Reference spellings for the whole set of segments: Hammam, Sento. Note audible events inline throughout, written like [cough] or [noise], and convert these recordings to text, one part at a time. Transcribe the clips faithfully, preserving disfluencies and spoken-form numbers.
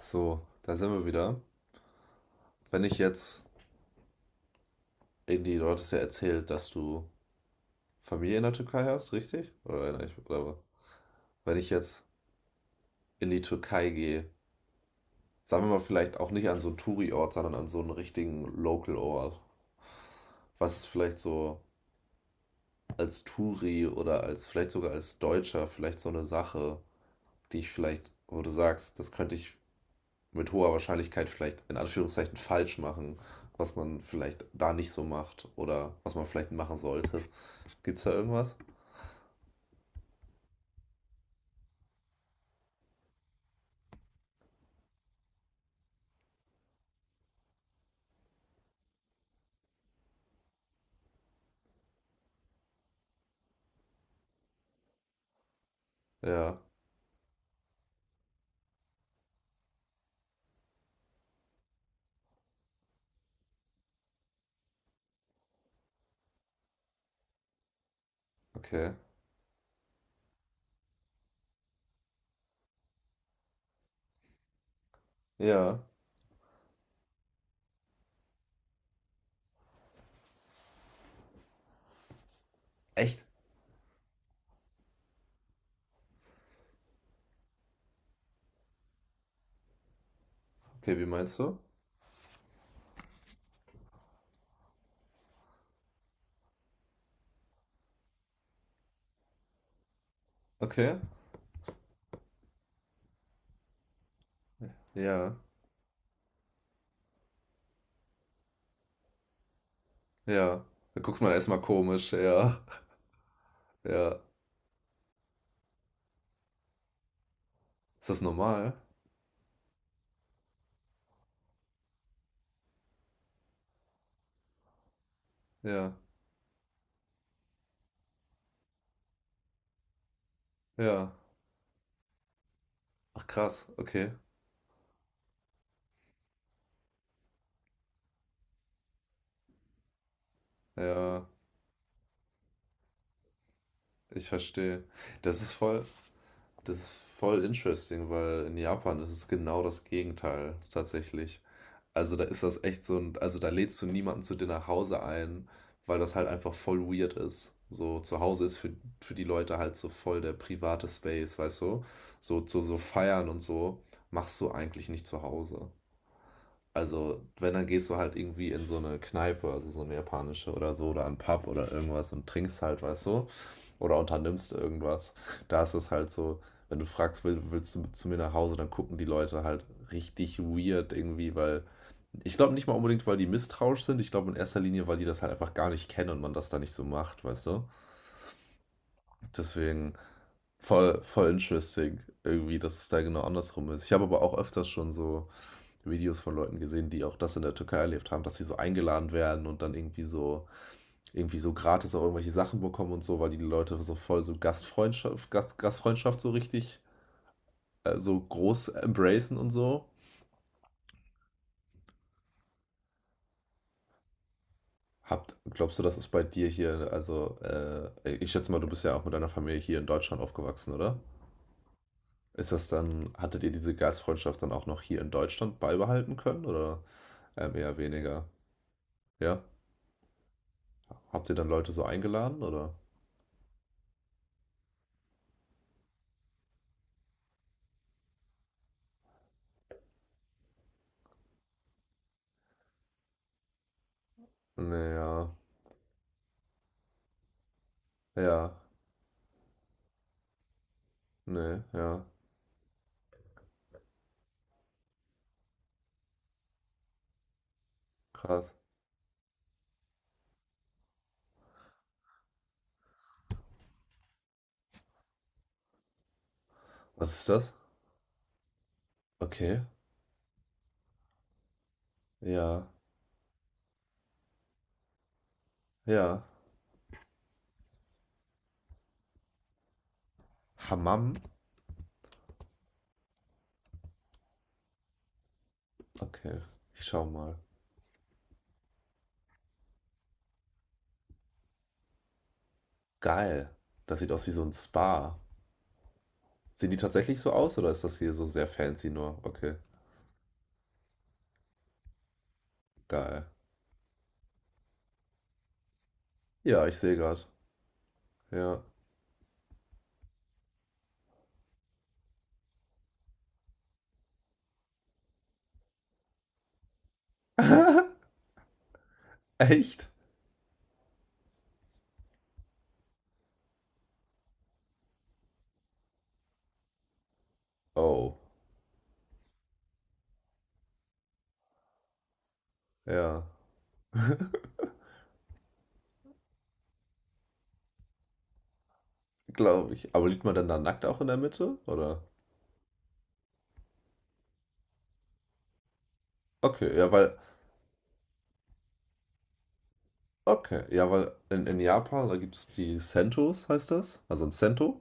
So, da sind wir wieder. Wenn ich jetzt, irgendwie du hattest ja erzählt, dass du Familie in der Türkei hast, richtig? Oder, erinnere ich- oder wenn ich jetzt in die Türkei gehe, sagen wir mal vielleicht auch nicht an so einen Touri-Ort, sondern an so einen richtigen Local-Ort. Was ist vielleicht so als Touri oder als vielleicht sogar als Deutscher vielleicht so eine Sache, die ich vielleicht, wo du sagst, das könnte ich mit hoher Wahrscheinlichkeit vielleicht in Anführungszeichen falsch machen, was man vielleicht da nicht so macht oder was man vielleicht machen sollte. Gibt's da irgendwas? Ja, okay. Ja. Echt? Okay, wie meinst du? Okay. Ja. Ja. Da guckt man erstmal komisch, ja. Ja. Ist das normal? Ja. Ja. Ach krass, okay. Ja, ich verstehe. Das ist voll, das ist voll interesting, weil in Japan ist es genau das Gegenteil tatsächlich. Also da ist das echt so ein, also da lädst du niemanden zu dir nach Hause ein, weil das halt einfach voll weird ist. So zu Hause ist für, für die Leute halt so voll der private Space, weißt du? So, so, so feiern und so machst du eigentlich nicht zu Hause. Also wenn, dann gehst du halt irgendwie in so eine Kneipe, also so eine japanische oder so, oder einen Pub oder irgendwas und trinkst halt, weißt du? Oder unternimmst irgendwas. Da ist es halt so, wenn du fragst, will, willst du zu mir nach Hause, dann gucken die Leute halt richtig weird irgendwie, weil ich glaube nicht mal unbedingt, weil die misstrauisch sind. Ich glaube in erster Linie, weil die das halt einfach gar nicht kennen und man das da nicht so macht, weißt du? Deswegen voll, voll interesting irgendwie, dass es da genau andersrum ist. Ich habe aber auch öfters schon so Videos von Leuten gesehen, die auch das in der Türkei erlebt haben, dass sie so eingeladen werden und dann irgendwie so, irgendwie so gratis auch irgendwelche Sachen bekommen und so, weil die Leute so voll so Gastfreundschaft, Gast, Gastfreundschaft so richtig äh, so groß embracen und so. Habt glaubst du, das ist bei dir hier, also äh, ich schätze mal, du bist ja auch mit deiner Familie hier in Deutschland aufgewachsen, oder? Ist das dann, hattet ihr diese Gastfreundschaft dann auch noch hier in Deutschland beibehalten können oder ähm, eher weniger? Ja? Habt ihr dann Leute so eingeladen oder? Nee, ja, ja, nee, ja, krass. Was ist das? Okay, ja, ja. Hammam? Okay, ich schau mal. Geil. Das sieht aus wie so ein Spa. Sehen die tatsächlich so aus oder ist das hier so sehr fancy nur? Okay. Geil. Ja, ich sehe gerade. Ja. [laughs] Echt? Oh, ja, glaube ich. Aber liegt man dann da nackt auch in der Mitte, oder? Okay, ja, weil, okay, ja, weil in, in Japan, da gibt es die Sentos, heißt das, also ein Sento,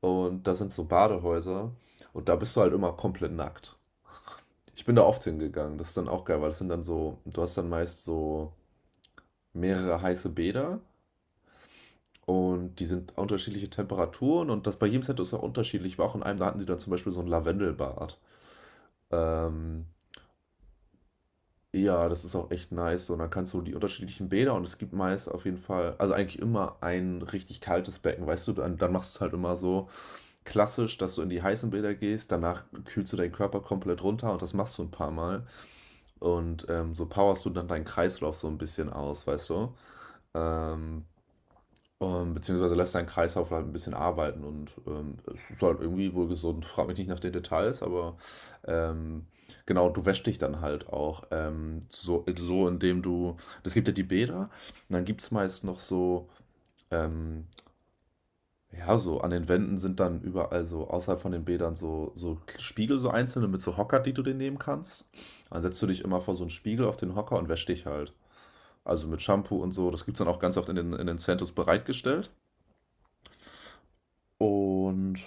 und das sind so Badehäuser, und da bist du halt immer komplett nackt. Ich bin da oft hingegangen, das ist dann auch geil, weil das sind dann so, du hast dann meist so mehrere heiße Bäder. Und die sind unterschiedliche Temperaturen und das bei jedem Set ist auch unterschiedlich. Ich war auch in einem, da hatten sie dann zum Beispiel so ein Lavendelbad. Ähm, ja, das ist auch echt nice. So, und dann kannst du die unterschiedlichen Bäder und es gibt meist auf jeden Fall, also eigentlich immer ein richtig kaltes Becken, weißt du, dann, dann machst du es halt immer so klassisch, dass du in die heißen Bäder gehst, danach kühlst du deinen Körper komplett runter und das machst du ein paar Mal. Und ähm, so powerst du dann deinen Kreislauf so ein bisschen aus, weißt du. Ähm, Ähm, beziehungsweise lässt deinen Kreislauf halt ein bisschen arbeiten und, ähm, es ist halt irgendwie wohl gesund. Frag mich nicht nach den Details, aber, ähm, genau, du wäschst dich dann halt auch, ähm, so so indem du es gibt ja die Bäder und dann gibt's meist noch so, ähm ja, so an den Wänden sind dann überall so außerhalb von den Bädern so so Spiegel, so einzelne mit so Hocker, die du dir nehmen kannst. Dann setzt du dich immer vor so einen Spiegel auf den Hocker und wäschst dich halt. Also, mit Shampoo und so. Das gibt's dann auch ganz oft in den in den Centers bereitgestellt und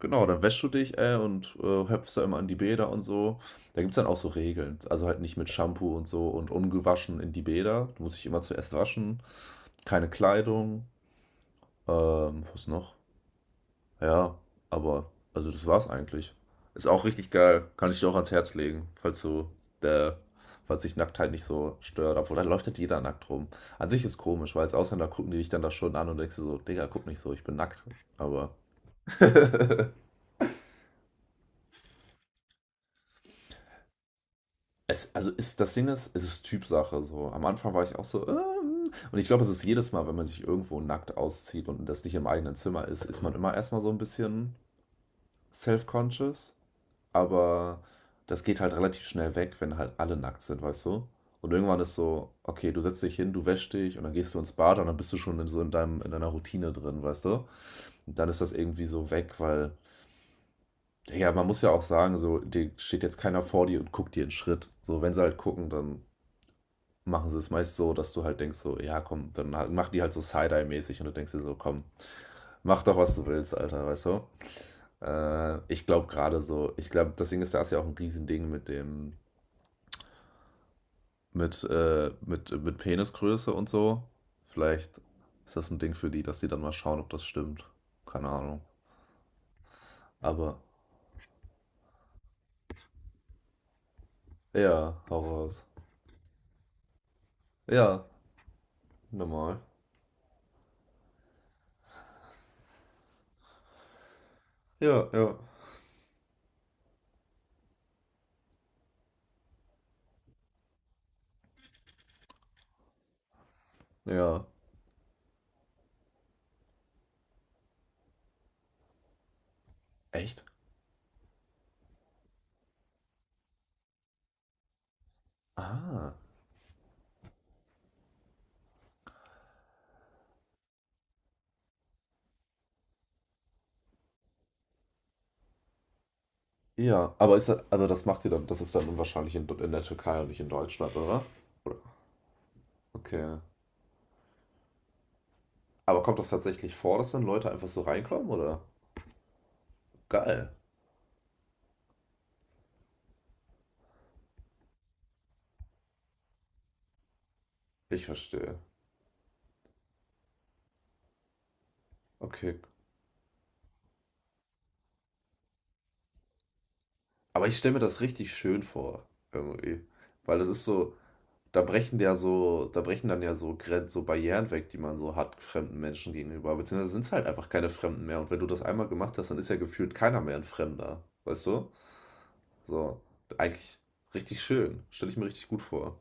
genau, dann wäschst du dich, äh, und, äh, höpfst da immer an die Bäder und so. Da gibt's dann auch so Regeln. Also halt nicht mit Shampoo und so und ungewaschen in die Bäder. Du musst dich immer zuerst waschen. Keine Kleidung. Ähm, was noch? Ja, aber, also das war's eigentlich. Ist auch richtig geil. Kann ich dir auch ans Herz legen, falls du der, falls dich Nacktheit nicht so stört. Obwohl, da läuft halt jeder nackt rum. An sich ist komisch, weil als Ausländer gucken die dich dann da schon an und denkst du so, Digga, guck nicht so, ich bin nackt. Aber. [laughs] Es, also ist, das Ding ist, es ist Typsache so. Am Anfang war ich auch so, ähm, und ich glaube, es ist jedes Mal, wenn man sich irgendwo nackt auszieht und das nicht im eigenen Zimmer ist, ist man immer erstmal so ein bisschen self-conscious. Aber das geht halt relativ schnell weg, wenn halt alle nackt sind, weißt du? Und irgendwann ist so, okay, du setzt dich hin, du wäschst dich und dann gehst du ins Bad und dann bist du schon in so in deinem, in deiner Routine drin, weißt du? Und dann ist das irgendwie so weg, weil, ja, man muss ja auch sagen, so, dir steht jetzt keiner vor dir und guckt dir einen Schritt. So, wenn sie halt gucken, dann machen sie es meist so, dass du halt denkst so, ja komm, dann ha- mach die halt so Side-Eye-mäßig und du denkst dir so, komm, mach doch, was du willst, Alter, weißt du? Äh, ich glaube gerade so, ich glaube, deswegen ist das ja auch ein Riesending mit dem, mit, äh, mit, mit Penisgröße und so. Vielleicht ist das ein Ding für die, dass die dann mal schauen, ob das stimmt. Keine Ahnung. Aber, ja, hau raus. Ja, normal. Ja, ja. Ja. Echt? Ah. Ja, aber ist, er- also das macht ihr dann, das ist dann wahrscheinlich in, in der Türkei und nicht in Deutschland, oder? Oder? Okay. Aber kommt das tatsächlich vor, dass dann Leute einfach so reinkommen, oder? Geil. Ich verstehe. Okay. Aber ich stelle mir das richtig schön vor, irgendwie. Weil das ist so, da brechen ja so, da brechen dann ja so Grenzen, so Barrieren weg, die man so hat fremden Menschen gegenüber. Beziehungsweise sind es halt einfach keine Fremden mehr. Und wenn du das einmal gemacht hast, dann ist ja gefühlt keiner mehr ein Fremder. Weißt du? So, eigentlich richtig schön. Stelle ich mir richtig gut vor.